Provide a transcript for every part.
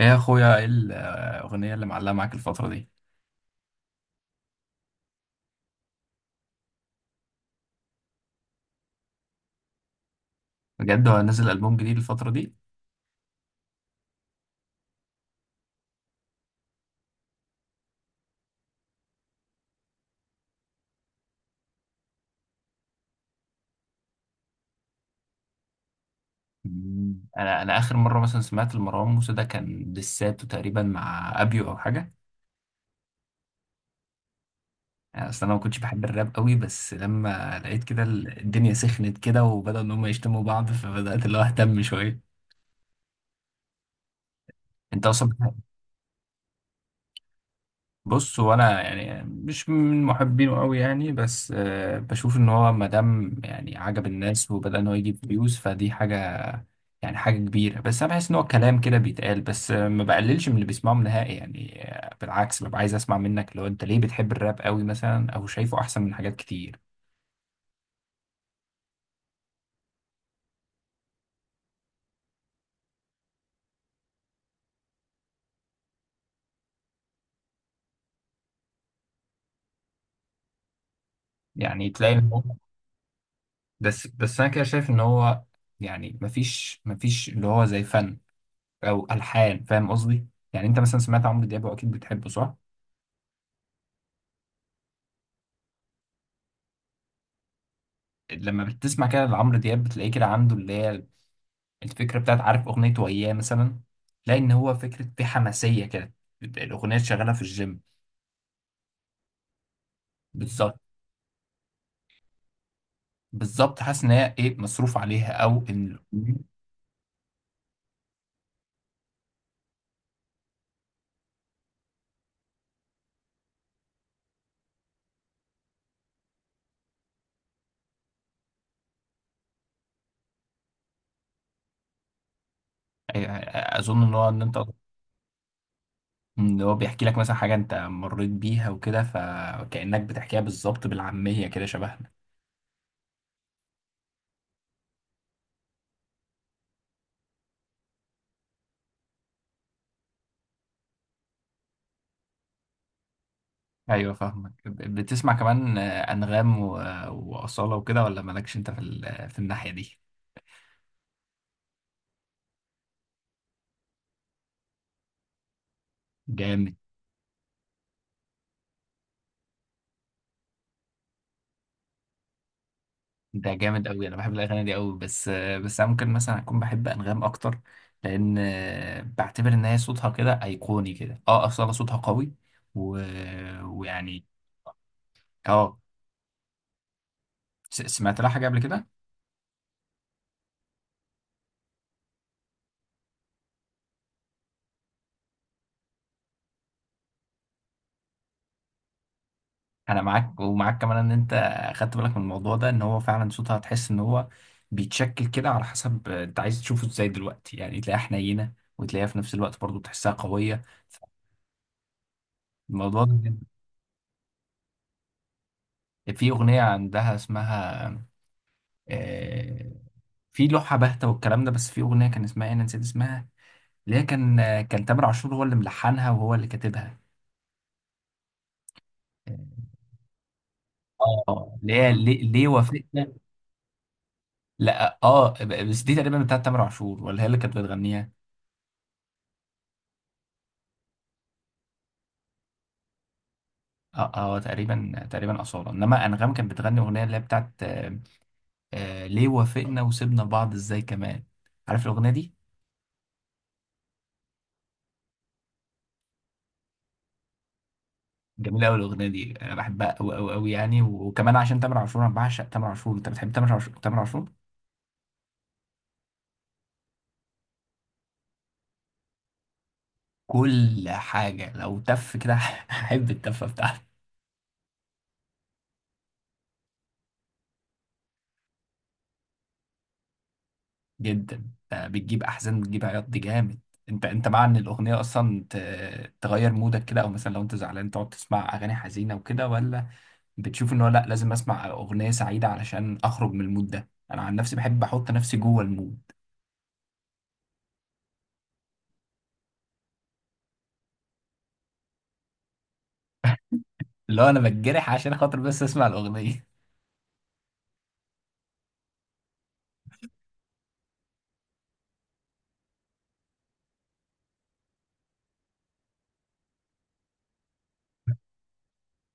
ايه يا اخويا، ايه الاغنيه اللي معلقه معاك الفتره دي؟ بجد، هو نزل البوم جديد الفتره دي؟ مم. انا اخر مره مثلا سمعت لمروان موسى، ده كان دساته تقريبا مع ابيو او حاجه. يعني اصل انا ما كنتش بحب الراب قوي، بس لما لقيت كده الدنيا سخنت كده وبدأوا ان هم يشتموا بعض، فبدات اللي هو اهتم شويه. انت اصلا بص، وانا يعني مش من محبينه قوي يعني، بس بشوف ان هو ما دام يعني عجب الناس وبدأ ان هو يجيب فيوز، فدي حاجه يعني، حاجة كبيرة. بس أنا بحس إن هو كلام كده بيتقال، بس ما بقللش من اللي بيسمعهم نهائي يعني، بالعكس، ببقى عايز أسمع منك لو أنت ليه بتحب الراب قوي مثلا، أو شايفه أحسن من حاجات كتير. يعني تلاقي إن هو، بس أنا كده شايف إن هو، يعني مفيش اللي هو زي فن أو ألحان. فاهم قصدي؟ يعني أنت مثلا سمعت عمرو دياب وأكيد بتحبه، صح؟ لما بتسمع كده لعمرو دياب بتلاقيه كده عنده اللي هي الفكرة بتاعت، عارف أغنية وياه مثلا، تلاقي إن هو فكرة في حماسية كده، الأغنية شغالة في الجيم. بالظبط. بالظبط، حاسس ان هي ايه مصروف عليها او اظن ان هو ان انت، ان هو بيحكي لك مثلا حاجه انت مريت بيها وكده، فكانك بتحكيها بالظبط بالعاميه كده، شبهنا. ايوه فاهمك، بتسمع كمان، انغام واصاله وكده، ولا مالكش انت في في الناحيه دي؟ جامد. ده جامد قوي، انا بحب الاغاني دي قوي، بس بس انا ممكن مثلا اكون بحب انغام اكتر، لان بعتبر ان هي صوتها كده ايقوني كده. اه، اصاله صوتها قوي و... ويعني. اه. سمعت لها حاجة قبل كده؟ أنا معاك، ومعاك كمان إن أنت خدت بالك من الموضوع ده، إن هو فعلا صوتها هتحس إن هو بيتشكل كده على حسب أنت عايز تشوفه إزاي. دلوقتي يعني تلاقيها حنينة، وتلاقيها في نفس الوقت برضو تحسها قوية. الموضوع ده، في أغنية عندها اسمها آه، في لوحة باهتة والكلام ده، بس في أغنية كان اسمها إيه، أنا نسيت اسمها، اللي هي كان تامر عاشور هو اللي ملحنها وهو اللي كاتبها، آه، اللي هي ليه وافقت. لا، اه، بس دي تقريبا بتاعت تامر عاشور ولا هي اللي كانت بتغنيها؟ اه اه، تقريبا تقريبا اصاله، انما انغام كانت بتغني اغنيه اللي هي بتاعت آه، ليه وافقنا وسيبنا بعض ازاي كمان. عارف الاغنيه دي؟ جميله قوي الاغنيه دي، انا بحبها قوي قوي قوي يعني، وكمان عشان تامر عاشور انا بعشق تامر عاشور. انت بتحب تامر عاشور؟ تامر عاشور كل حاجه، لو تف كده هحب التفه بتاعته. جدا، ده بتجيب احزان، بتجيب عياط، دي جامد. انت مع ان الاغنيه اصلا تغير مودك كده، او مثلا لو انت زعلان تقعد تسمع اغاني حزينه وكده، ولا بتشوف ان هو لا، لازم اسمع اغنيه سعيده علشان اخرج من المود ده؟ انا عن نفسي بحب احط نفسي جوه المود، اللي هو انا بتجرح عشان خاطر بس اسمع الاغنيه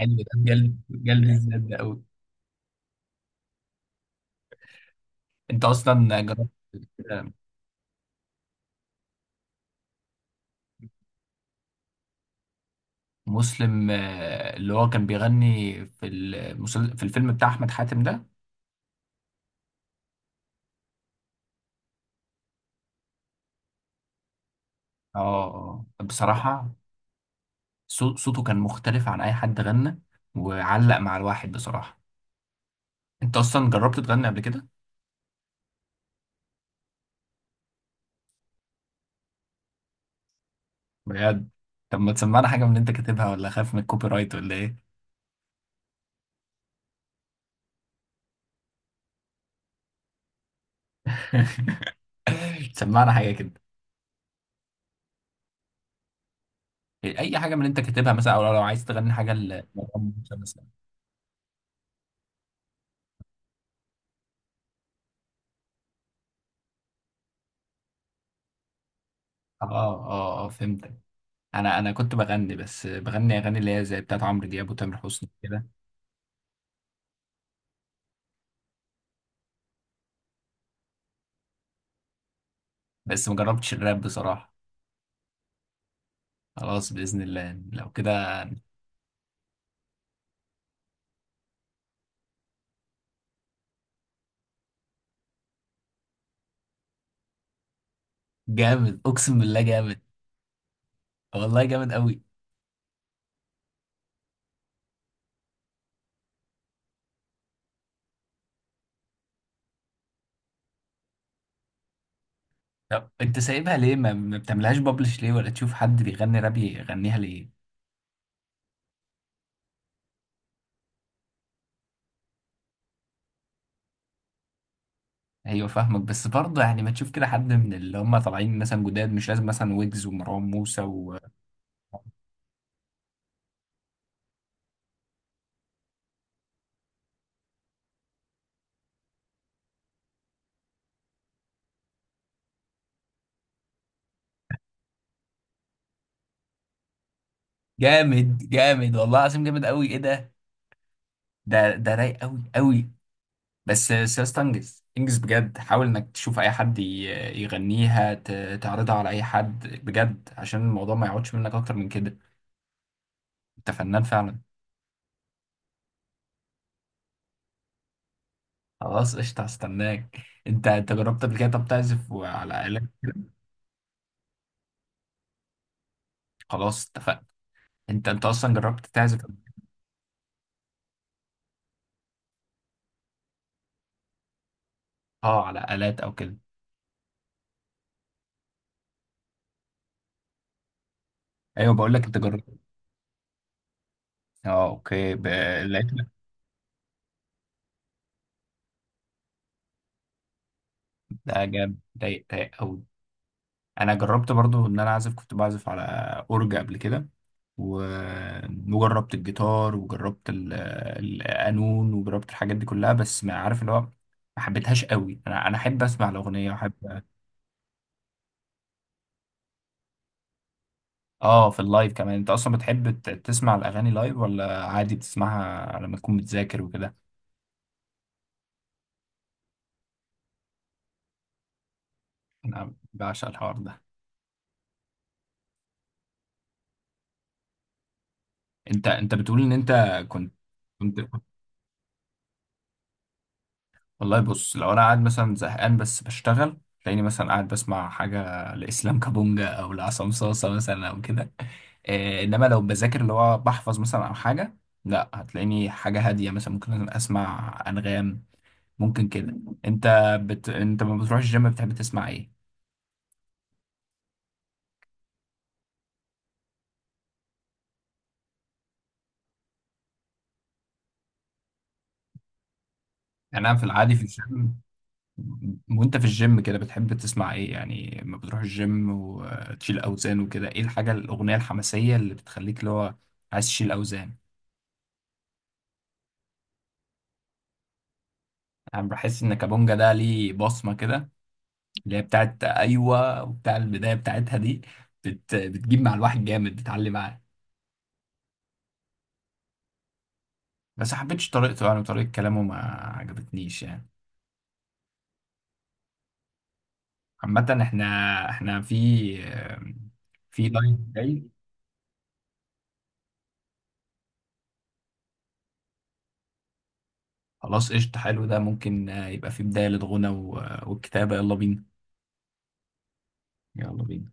حلو، ده جلد، جلد الذات ده قوي. انت اصلا جربت؟ مسلم، اللي هو كان بيغني في في الفيلم بتاع احمد حاتم ده. اه. آه. بصراحه صوته كان مختلف عن اي حد غنى، وعلق مع الواحد بصراحة. انت اصلا جربت تغني قبل كده؟ بجد؟ طب ما تسمعنا حاجة من اللي انت كاتبها، ولا خايف من الكوبي رايت ولا ايه؟ سمعنا حاجة كده، اي حاجة من اللي انت كاتبها مثلا، او لو عايز تغني حاجة مروان موسى مثلا. اه اه اه، فهمتك. انا كنت بغني، بس بغني اغاني اللي هي زي بتاعت عمرو دياب وتامر حسني كده، بس ما جربتش الراب بصراحة. خلاص، بإذن الله لو كده. جامد، اقسم بالله جامد. والله جامد قوي. طب انت سايبها ليه، ما ما بتعملهاش، بابلش ليه، ولا تشوف حد بيغني راب يغنيها ليه؟ ايوه فاهمك، بس برضه يعني ما تشوف كده حد من اللي هم طالعين مثلا جداد، مش لازم مثلا ويجز ومروان موسى جامد، جامد، والله العظيم جامد قوي، ايه ده رايق قوي قوي. بس بس يا اسطى، انجز انجز بجد، حاول انك تشوف اي حد يغنيها، تعرضها على اي حد بجد عشان الموضوع ما يقعدش منك اكتر من كده. انت فنان فعلا. خلاص قشطه، هستناك. انت جربت قبل كده؟ طب تعزف وعلى آلة؟ خلاص اتفقنا. انت اصلا جربت تعزف؟ اه على آلات او كده؟ ايوه بقول لك، انت جربت؟ اه، اوكي، لقيت لك. ده جامد، ضايق ضايق قوي. انا جربت برضو ان انا اعزف، كنت بعزف على اورج قبل كده و... وجربت الجيتار وجربت القانون وجربت الحاجات دي كلها، بس ما عارف اللي هو ما حبيتهاش قوي. انا احب اسمع الاغنيه واحب. اه، في اللايف كمان. انت اصلا بتحب تسمع الاغاني لايف، ولا عادي بتسمعها لما تكون بتذاكر وكده؟ انا بعشق الحوار ده. انت بتقول ان انت كنت كنت كنت- والله، بص، لو انا قاعد مثلا زهقان بس بشتغل، تلاقيني مثلا قاعد بسمع حاجه لاسلام كابونجا او لعصام صاصه مثلا او كده. إيه، انما لو بذاكر، اللي هو بحفظ مثلا او حاجه، لا، هتلاقيني حاجه هاديه، مثلا ممكن اسمع انغام، ممكن كده. انت انت ما بتروحش الجيم، بتحب تسمع ايه؟ يعني انا في العادي في الجيم، وانت في الجيم كده بتحب تسمع ايه يعني؟ لما بتروح الجيم وتشيل اوزان وكده، ايه الحاجه، الاغنيه الحماسيه اللي بتخليك اللي هو عايز تشيل اوزان؟ انا بحس ان كابونجا ده ليه بصمه كده، اللي هي بتاعت ايوه وبتاع البدايه بتاعتها دي، بتجيب مع الواحد جامد، بتعلي معاه. بس ما حبيتش طريقته يعني، وطريقه كلامه ما عجبتنيش يعني. عامه احنا في لاين جاي. خلاص قشطه، حلو، ده ممكن يبقى في بدايه للغنى والكتابه. يلا بينا. يلا بينا.